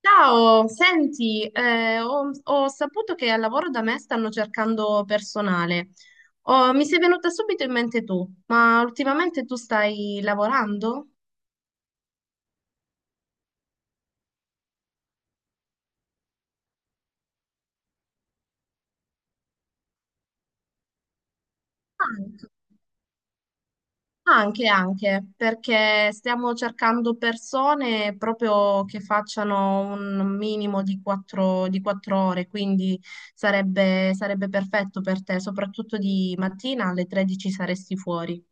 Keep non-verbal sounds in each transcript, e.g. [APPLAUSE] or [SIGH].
Ciao, senti, ho saputo che al lavoro da me stanno cercando personale. Oh, mi sei venuta subito in mente tu, ma ultimamente tu stai lavorando? Anche, anche, perché stiamo cercando persone proprio che facciano un minimo di quattro ore, quindi sarebbe perfetto per te, soprattutto di mattina alle 13 saresti fuori.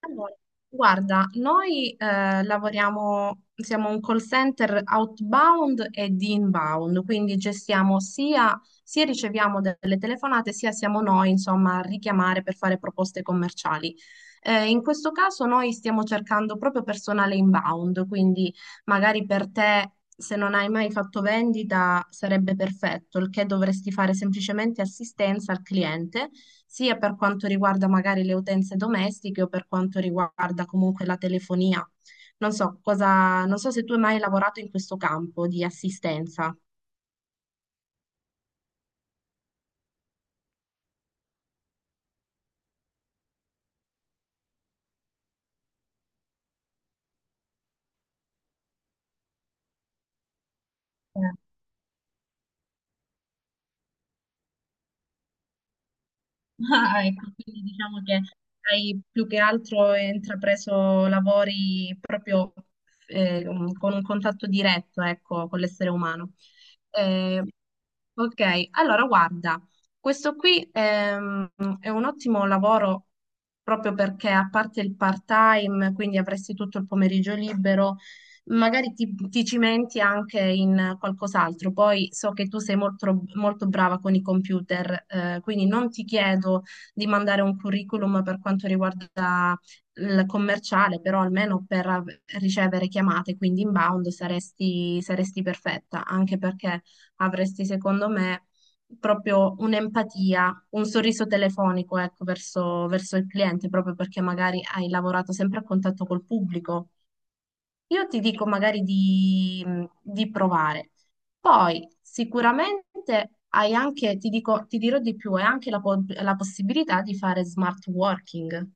Allora, guarda, noi lavoriamo, siamo un call center outbound e di inbound, quindi gestiamo sia riceviamo delle telefonate, sia siamo noi, insomma, a richiamare per fare proposte commerciali. In questo caso noi stiamo cercando proprio personale inbound, quindi magari per te, se non hai mai fatto vendita, sarebbe perfetto, il che dovresti fare semplicemente assistenza al cliente, sia per quanto riguarda magari le utenze domestiche o per quanto riguarda comunque la telefonia. Non so cosa, non so se tu hai mai lavorato in questo campo di assistenza. Ah, ecco, quindi diciamo che hai più che altro intrapreso lavori proprio eh, con un contatto diretto, ecco, con l'essere umano. Eh, ok, allora guarda, questo qui è un ottimo lavoro proprio perché a parte il part-time, quindi avresti tutto il pomeriggio libero, magari ti cimenti anche in qualcos'altro. Poi so che tu sei molto, molto brava con i computer, quindi non ti chiedo di mandare un curriculum per quanto riguarda il commerciale, però almeno per ricevere chiamate, quindi inbound saresti perfetta, anche perché avresti, secondo me, proprio un'empatia, un sorriso telefonico, ecco, verso il cliente, proprio perché magari hai lavorato sempre a contatto col pubblico. Io ti dico magari di provare. Poi sicuramente hai anche, ti dico, ti dirò di più, hai anche la possibilità di fare smart working.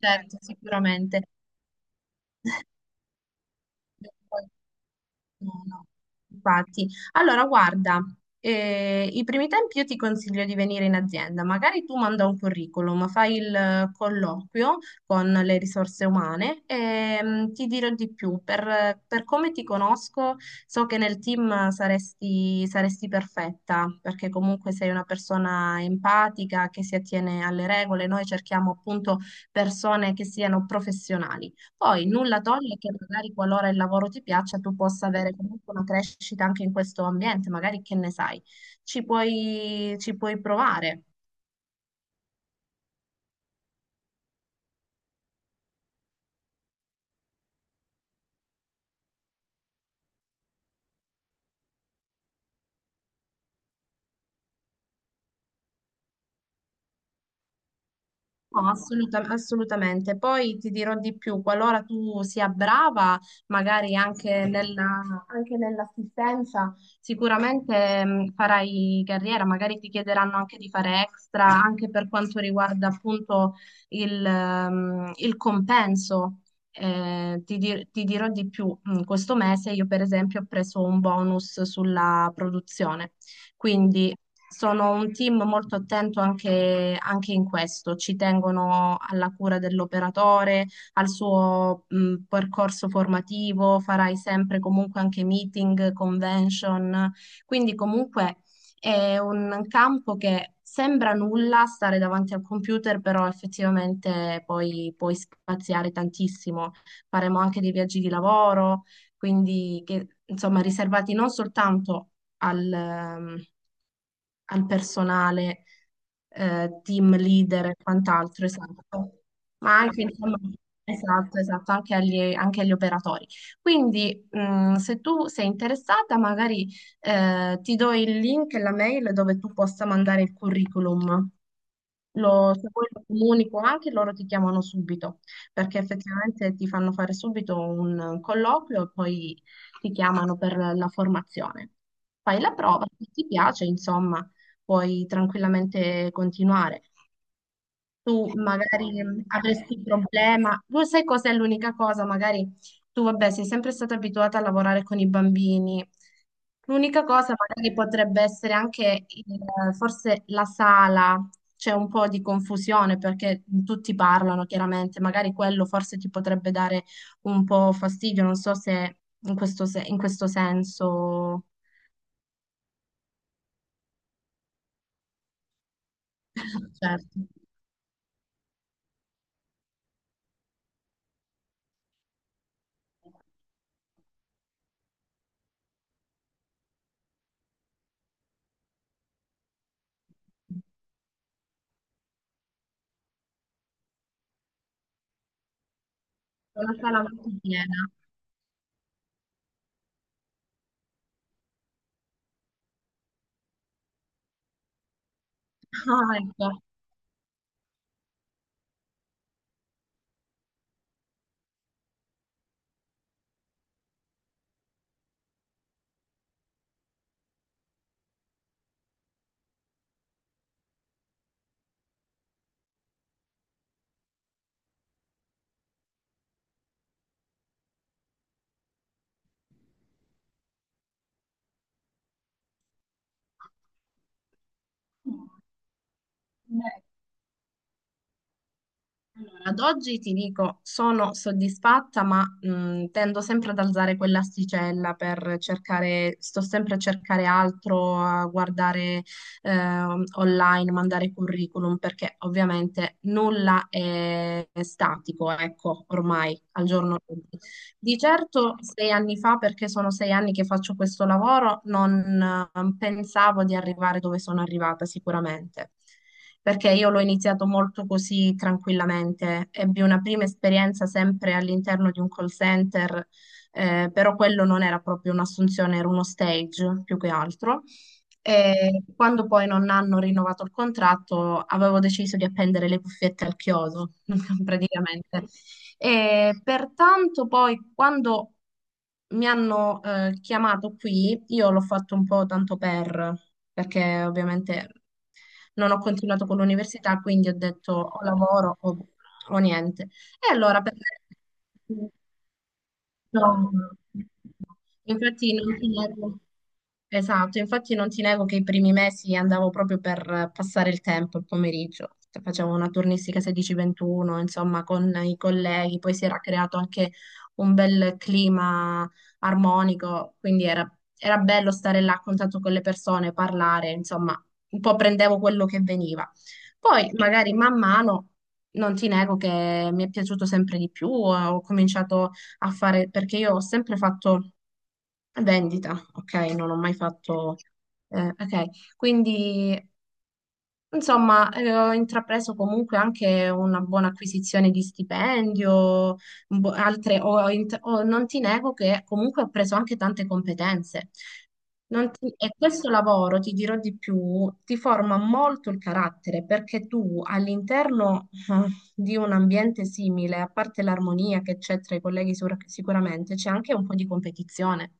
Certo, sicuramente. No, no, infatti. Allora, guarda, i primi tempi io ti consiglio di venire in azienda, magari tu manda un curriculum, fai il colloquio con le risorse umane e mm, ti dirò di più, per come ti conosco so che nel team saresti perfetta, perché comunque sei una persona empatica che si attiene alle regole, noi cerchiamo appunto persone che siano professionali. Poi nulla toglie che magari qualora il lavoro ti piaccia, tu possa avere comunque una crescita anche in questo ambiente, magari che ne sai, ci puoi provare. No, assolutamente. Poi ti dirò di più, qualora tu sia brava, magari anche nell'assistenza, sicuramente farai carriera, magari ti chiederanno anche di fare extra, anche per quanto riguarda appunto il compenso. Ti dirò di più, questo mese io per esempio ho preso un bonus sulla produzione. Quindi sono un team molto attento anche in questo, ci tengono alla cura dell'operatore, al suo percorso formativo, farai sempre comunque anche meeting, convention, quindi comunque è un campo che sembra nulla stare davanti al computer, però effettivamente poi puoi spaziare tantissimo. Faremo anche dei viaggi di lavoro, quindi che, insomma riservati non soltanto al, ehm, al personale, team leader e quant'altro, esatto. Ma anche, insomma, esatto, esatto, anche agli operatori. Quindi, se tu sei interessata, magari, ti do il link e la mail dove tu possa mandare il curriculum. Se poi lo comunico anche, loro ti chiamano subito, perché effettivamente ti fanno fare subito un colloquio e poi ti chiamano per la formazione. Fai la prova, se ti piace, insomma, puoi tranquillamente continuare tu magari avresti un problema. Tu sai cos'è l'unica cosa? Magari tu, vabbè, sei sempre stata abituata a lavorare con i bambini. L'unica cosa magari potrebbe essere anche forse la sala. C'è un po' di confusione perché tutti parlano chiaramente, magari quello forse ti potrebbe dare un po' fastidio, non so se in questo, in questo senso, [LAUGHS] certo. È una sala molto piena. [LAUGHS] Ah, ecco. Allora, ad oggi ti dico, sono soddisfatta, ma tendo sempre ad alzare quell'asticella per cercare, sto sempre a cercare altro, a guardare online, mandare curriculum, perché ovviamente nulla è statico, ecco, ormai al giorno d'oggi. Di certo 6 anni fa, perché sono 6 anni che faccio questo lavoro, non pensavo di arrivare dove sono arrivata sicuramente, perché io l'ho iniziato molto così tranquillamente. Ebbi una prima esperienza sempre all'interno di un call center, però quello non era proprio un'assunzione, era uno stage più che altro. E quando poi non hanno rinnovato il contratto, avevo deciso di appendere le cuffiette al chiodo, [LAUGHS] praticamente. E pertanto poi quando mi hanno chiamato qui, io l'ho fatto un po' tanto per, perché ovviamente non ho continuato con l'università, quindi ho detto o lavoro o niente. E allora per... No, no, no, infatti non ti nego, esatto, infatti non ti nego che i primi mesi andavo proprio per passare il tempo, il pomeriggio. Cioè, facevo una turnistica 16-21, insomma, con i colleghi, poi si era creato anche un bel clima armonico, quindi era bello stare là a contatto con le persone, parlare, insomma, un po' prendevo quello che veniva. Poi magari man mano, non ti nego che mi è piaciuto sempre di più, ho cominciato a fare, perché io ho sempre fatto vendita, ok? Non ho mai fatto, ok? Quindi insomma, ho intrapreso comunque anche una buona acquisizione di stipendio, un po' altre, non ti nego che comunque ho preso anche tante competenze. Non ti- E questo lavoro, ti dirò di più, ti forma molto il carattere perché tu all'interno di un ambiente simile, a parte l'armonia che c'è tra i colleghi sicuramente, c'è anche un po' di competizione.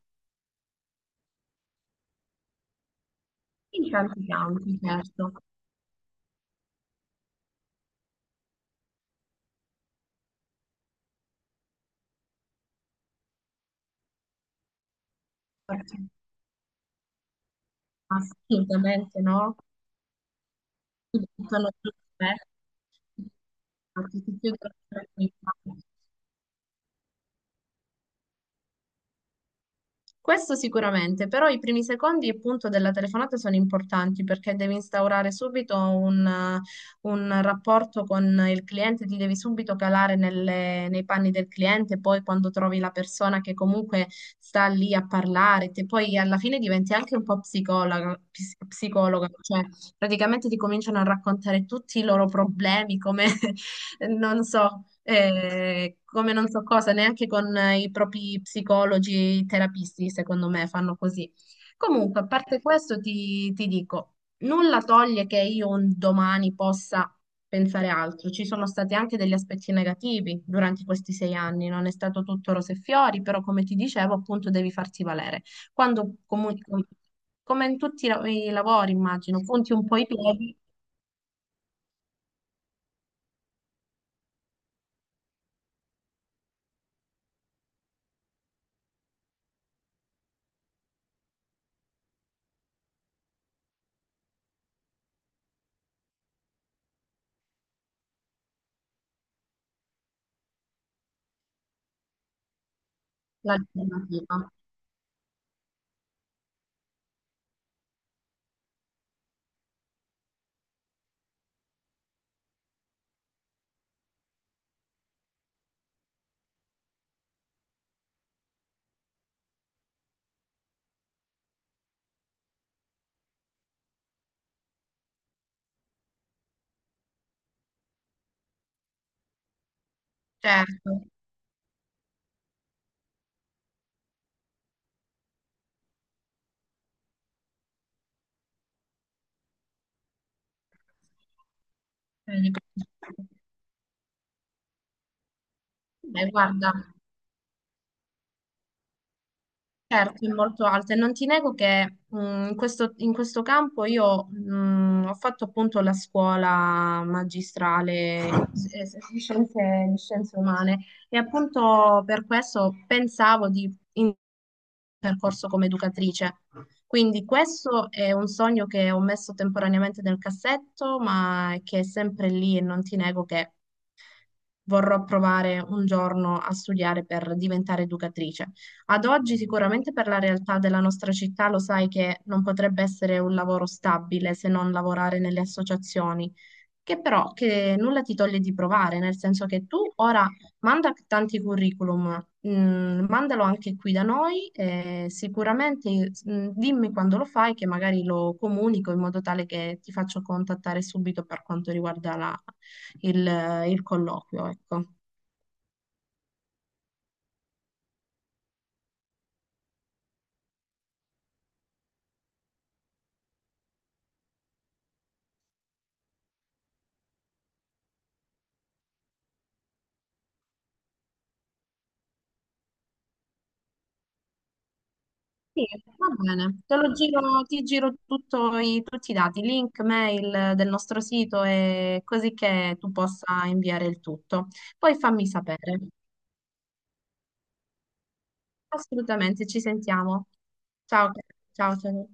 In tanti campi, certo. Assolutamente no. Buttano giù le offerte, ti chiudono le telefonate. Questo sicuramente, però i primi secondi appunto della telefonata sono importanti perché devi instaurare subito un rapporto con il cliente, ti devi subito calare nei panni del cliente, poi quando trovi la persona che comunque sta lì a parlare, poi alla fine diventi anche un po' psicologa, psicologa, cioè praticamente ti cominciano a raccontare tutti i loro problemi, come [LAUGHS] non so, come non so cosa, neanche con i propri psicologi, terapisti, secondo me, fanno così. Comunque, a parte questo, ti dico, nulla toglie che io un domani possa pensare altro. Ci sono stati anche degli aspetti negativi durante questi 6 anni, non è stato tutto rose e fiori, però come ti dicevo, appunto, devi farti valere. Quando comunque come in tutti i lavori, immagino, punti un po' i piedi, l'alternativa. Certo. Beh, guarda. Certo, è molto alta e non ti nego che in questo campo io ho fatto appunto la scuola magistrale [LAUGHS] di scienze umane e appunto per questo pensavo di percorso come educatrice. Quindi questo è un sogno che ho messo temporaneamente nel cassetto, ma che è sempre lì e non ti nego che vorrò provare un giorno a studiare per diventare educatrice. Ad oggi sicuramente per la realtà della nostra città lo sai che non potrebbe essere un lavoro stabile se non lavorare nelle associazioni, che però che nulla ti toglie di provare, nel senso che tu ora manda tanti curriculum, mandalo anche qui da noi, e sicuramente dimmi quando lo fai che magari lo comunico in modo tale che ti faccio contattare subito per quanto riguarda il, il colloquio, ecco. Sì, va bene, te lo giro, ti giro tutto tutti i dati, link, mail del nostro sito e così che tu possa inviare il tutto. Poi fammi sapere. Assolutamente, ci sentiamo. Ciao, ciao.